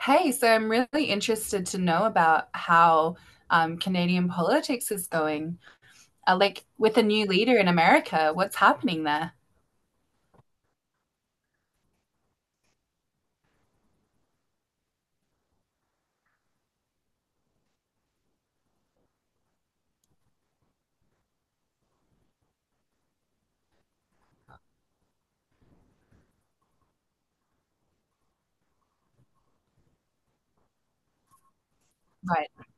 Hey, so I'm really interested to know about how Canadian politics is going. Like with a new leader in America, what's happening there? Right.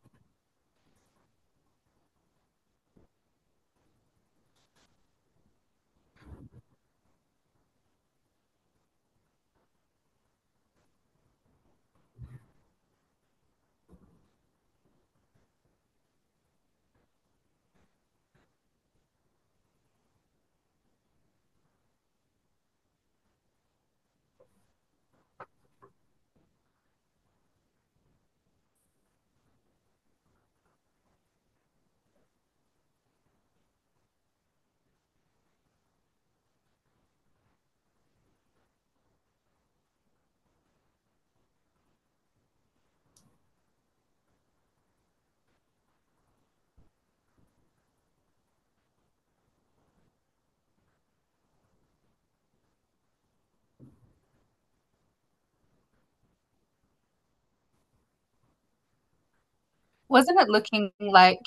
Wasn't it looking like,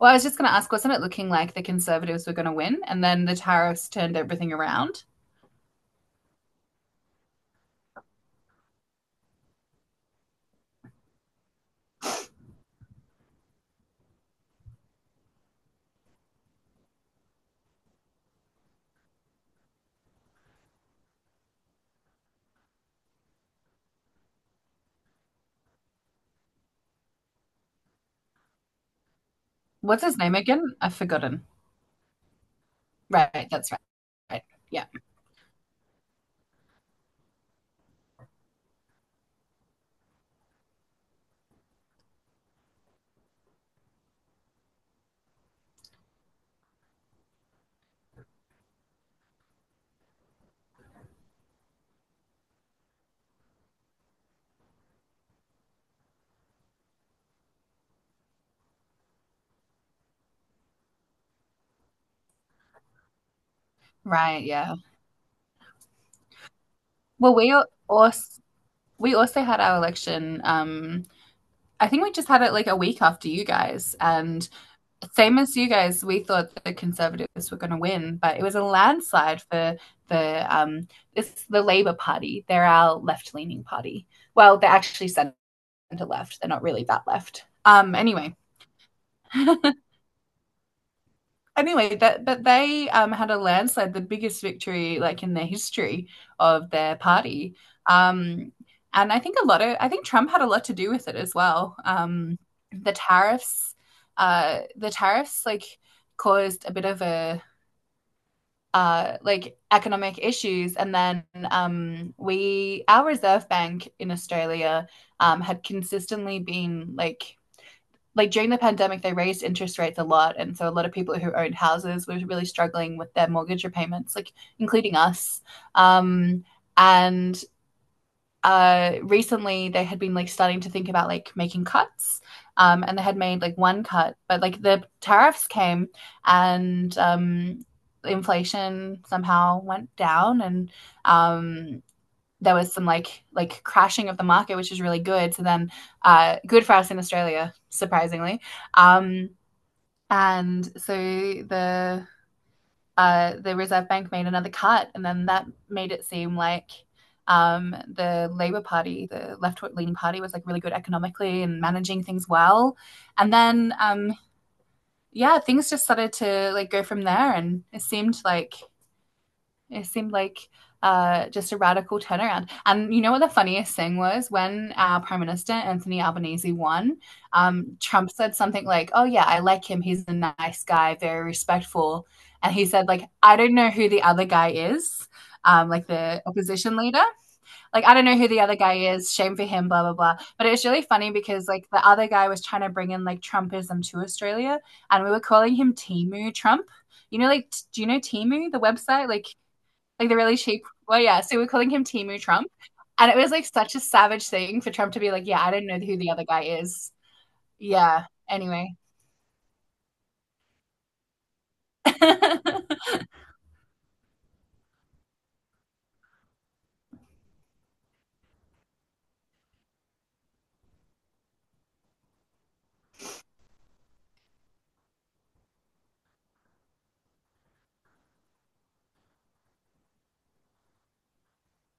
well, I was just going to ask, wasn't it looking like the Conservatives were going to win and then the tariffs turned everything around? What's his name again? I've forgotten. Right, that's right. Yeah. Right, yeah. Well, also we also had our election. I think we just had it like a week after you guys, and same as you guys, we thought the Conservatives were going to win, but it was a landslide for the it's the Labour Party. They're our left leaning party. Well, they're actually centre left. They're not really that left. Anyway, anyway, that but they had a landslide, the biggest victory like in the history of their party. Um, and I think Trump had a lot to do with it as well. The tariffs, the tariffs like caused a bit of a like economic issues. And then we, our Reserve Bank in Australia, had consistently been like during the pandemic, they raised interest rates a lot, and so a lot of people who owned houses were really struggling with their mortgage repayments, like including us. Um, and recently they had been like starting to think about like making cuts. And they had made like one cut, but like the tariffs came and inflation somehow went down and um, there was some like crashing of the market, which is really good. So then, good for us in Australia, surprisingly. Um, and so the Reserve Bank made another cut, and then that made it seem like the Labour Party, the left-leaning party, was like really good economically and managing things well. And then, yeah, things just started to like go from there, and it seemed like just a radical turnaround. And you know what the funniest thing was? When our Prime Minister, Anthony Albanese, won, Trump said something like, "Oh, yeah, I like him. He's a nice guy, very respectful." And he said, like, "I don't know who the other guy is," like the opposition leader. "Like, I don't know who the other guy is. Shame for him, blah, blah, blah." But it was really funny because, like, the other guy was trying to bring in, like, Trumpism to Australia. And we were calling him Timu Trump. You know, like, do you know Timu, the website? Like the really cheap. Well, yeah. So we're calling him Timu Trump, and it was like such a savage thing for Trump to be like, "Yeah, I don't know who the other guy is." Yeah. Anyway.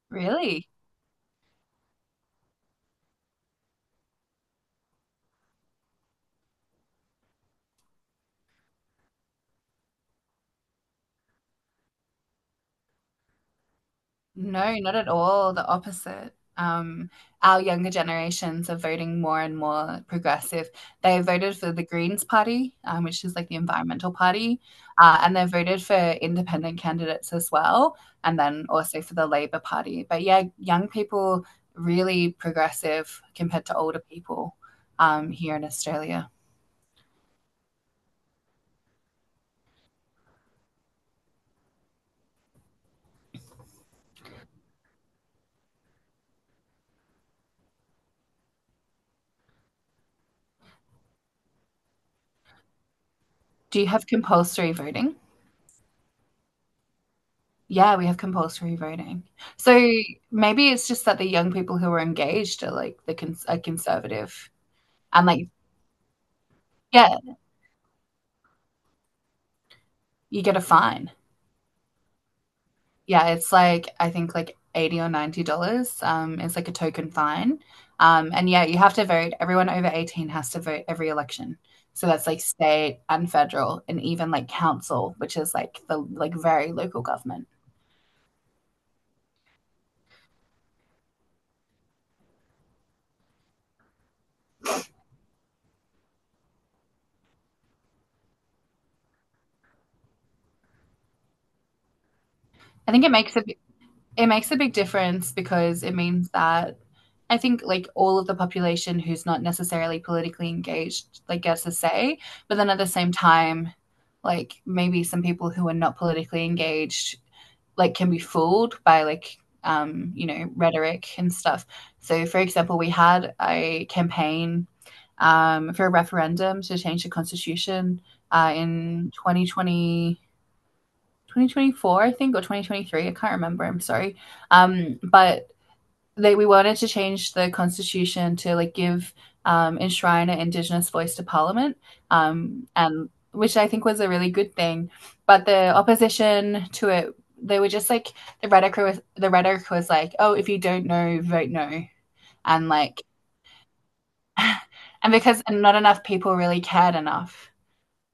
Really? No, not at all. The opposite. Our younger generations are voting more and more progressive. They voted for the Greens Party, which is like the environmental party, and they voted for independent candidates as well, and then also for the Labour Party. But yeah, young people really progressive compared to older people here in Australia. Do you have compulsory voting? Yeah, we have compulsory voting. So maybe it's just that the young people who are engaged are like the cons are conservative and like yeah, you get a fine. Yeah, it's like I think like 80 or $90. It's like a token fine. And yeah, you have to vote. Everyone over 18 has to vote every election. So that's like state and federal and even like council, which is like the like very local government. I think it makes it It makes a big difference because it means that I think like all of the population who's not necessarily politically engaged like gets a say, but then at the same time, like maybe some people who are not politically engaged like can be fooled by like rhetoric and stuff. So for example, we had a campaign for a referendum to change the constitution in 2020. 2024, I think, or 2023. I can't remember. I'm sorry. But we wanted to change the constitution to like give enshrine an Indigenous voice to Parliament, and which I think was a really good thing. But the opposition to it, they were just like the rhetoric was like, oh, if you don't know, vote no, and like and because not enough people really cared enough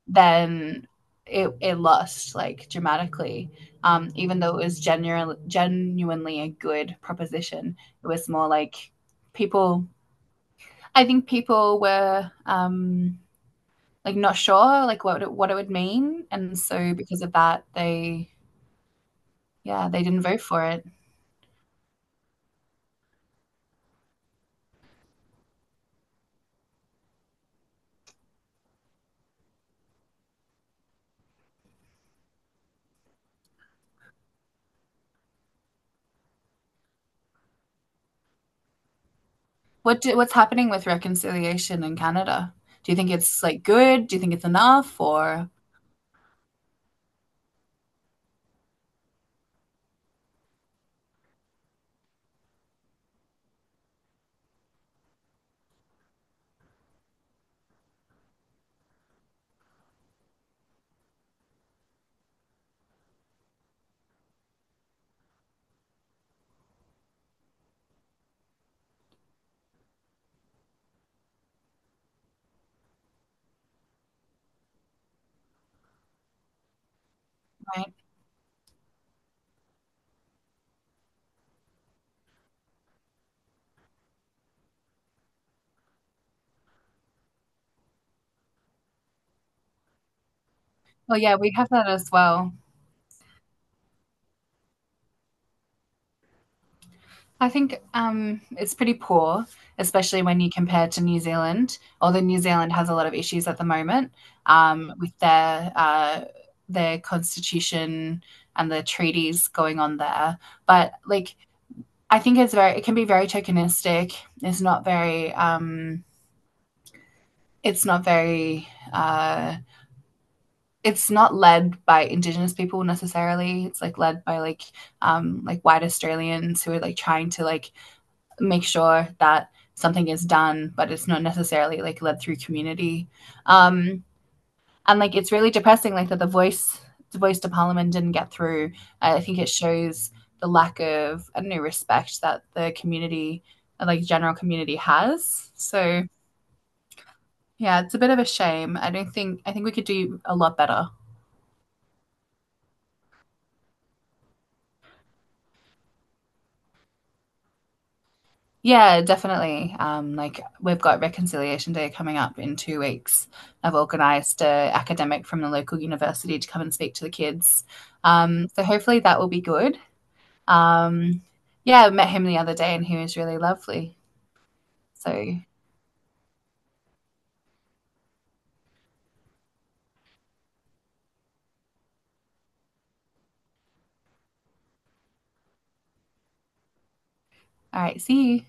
then it lost like dramatically. Even though it was genuinely a good proposition, it was more like people. I think people were like not sure like what it would mean, and so because of that, they yeah they didn't vote for it. What's happening with reconciliation in Canada? Do you think it's like good? Do you think it's enough? Or right? Well, yeah, we have that as well. I think it's pretty poor, especially when you compare to New Zealand. Although New Zealand has a lot of issues at the moment with their constitution and the treaties going on there, but like I think it's very it can be very tokenistic. It's not very it's not very it's not led by Indigenous people necessarily. It's like led by like white Australians who are like trying to like make sure that something is done, but it's not necessarily like led through community. Um, and like it's really depressing, like that the voice to parliament didn't get through. I think it shows the lack of I don't know respect that the community, like general community, has. So yeah, it's a bit of a shame. I don't think I think we could do a lot better. Yeah, definitely. Like we've got Reconciliation Day coming up in 2 weeks. I've organised a academic from the local university to come and speak to the kids. So hopefully that will be good. Um, yeah, I met him the other day and he was really lovely. So, all right, see you.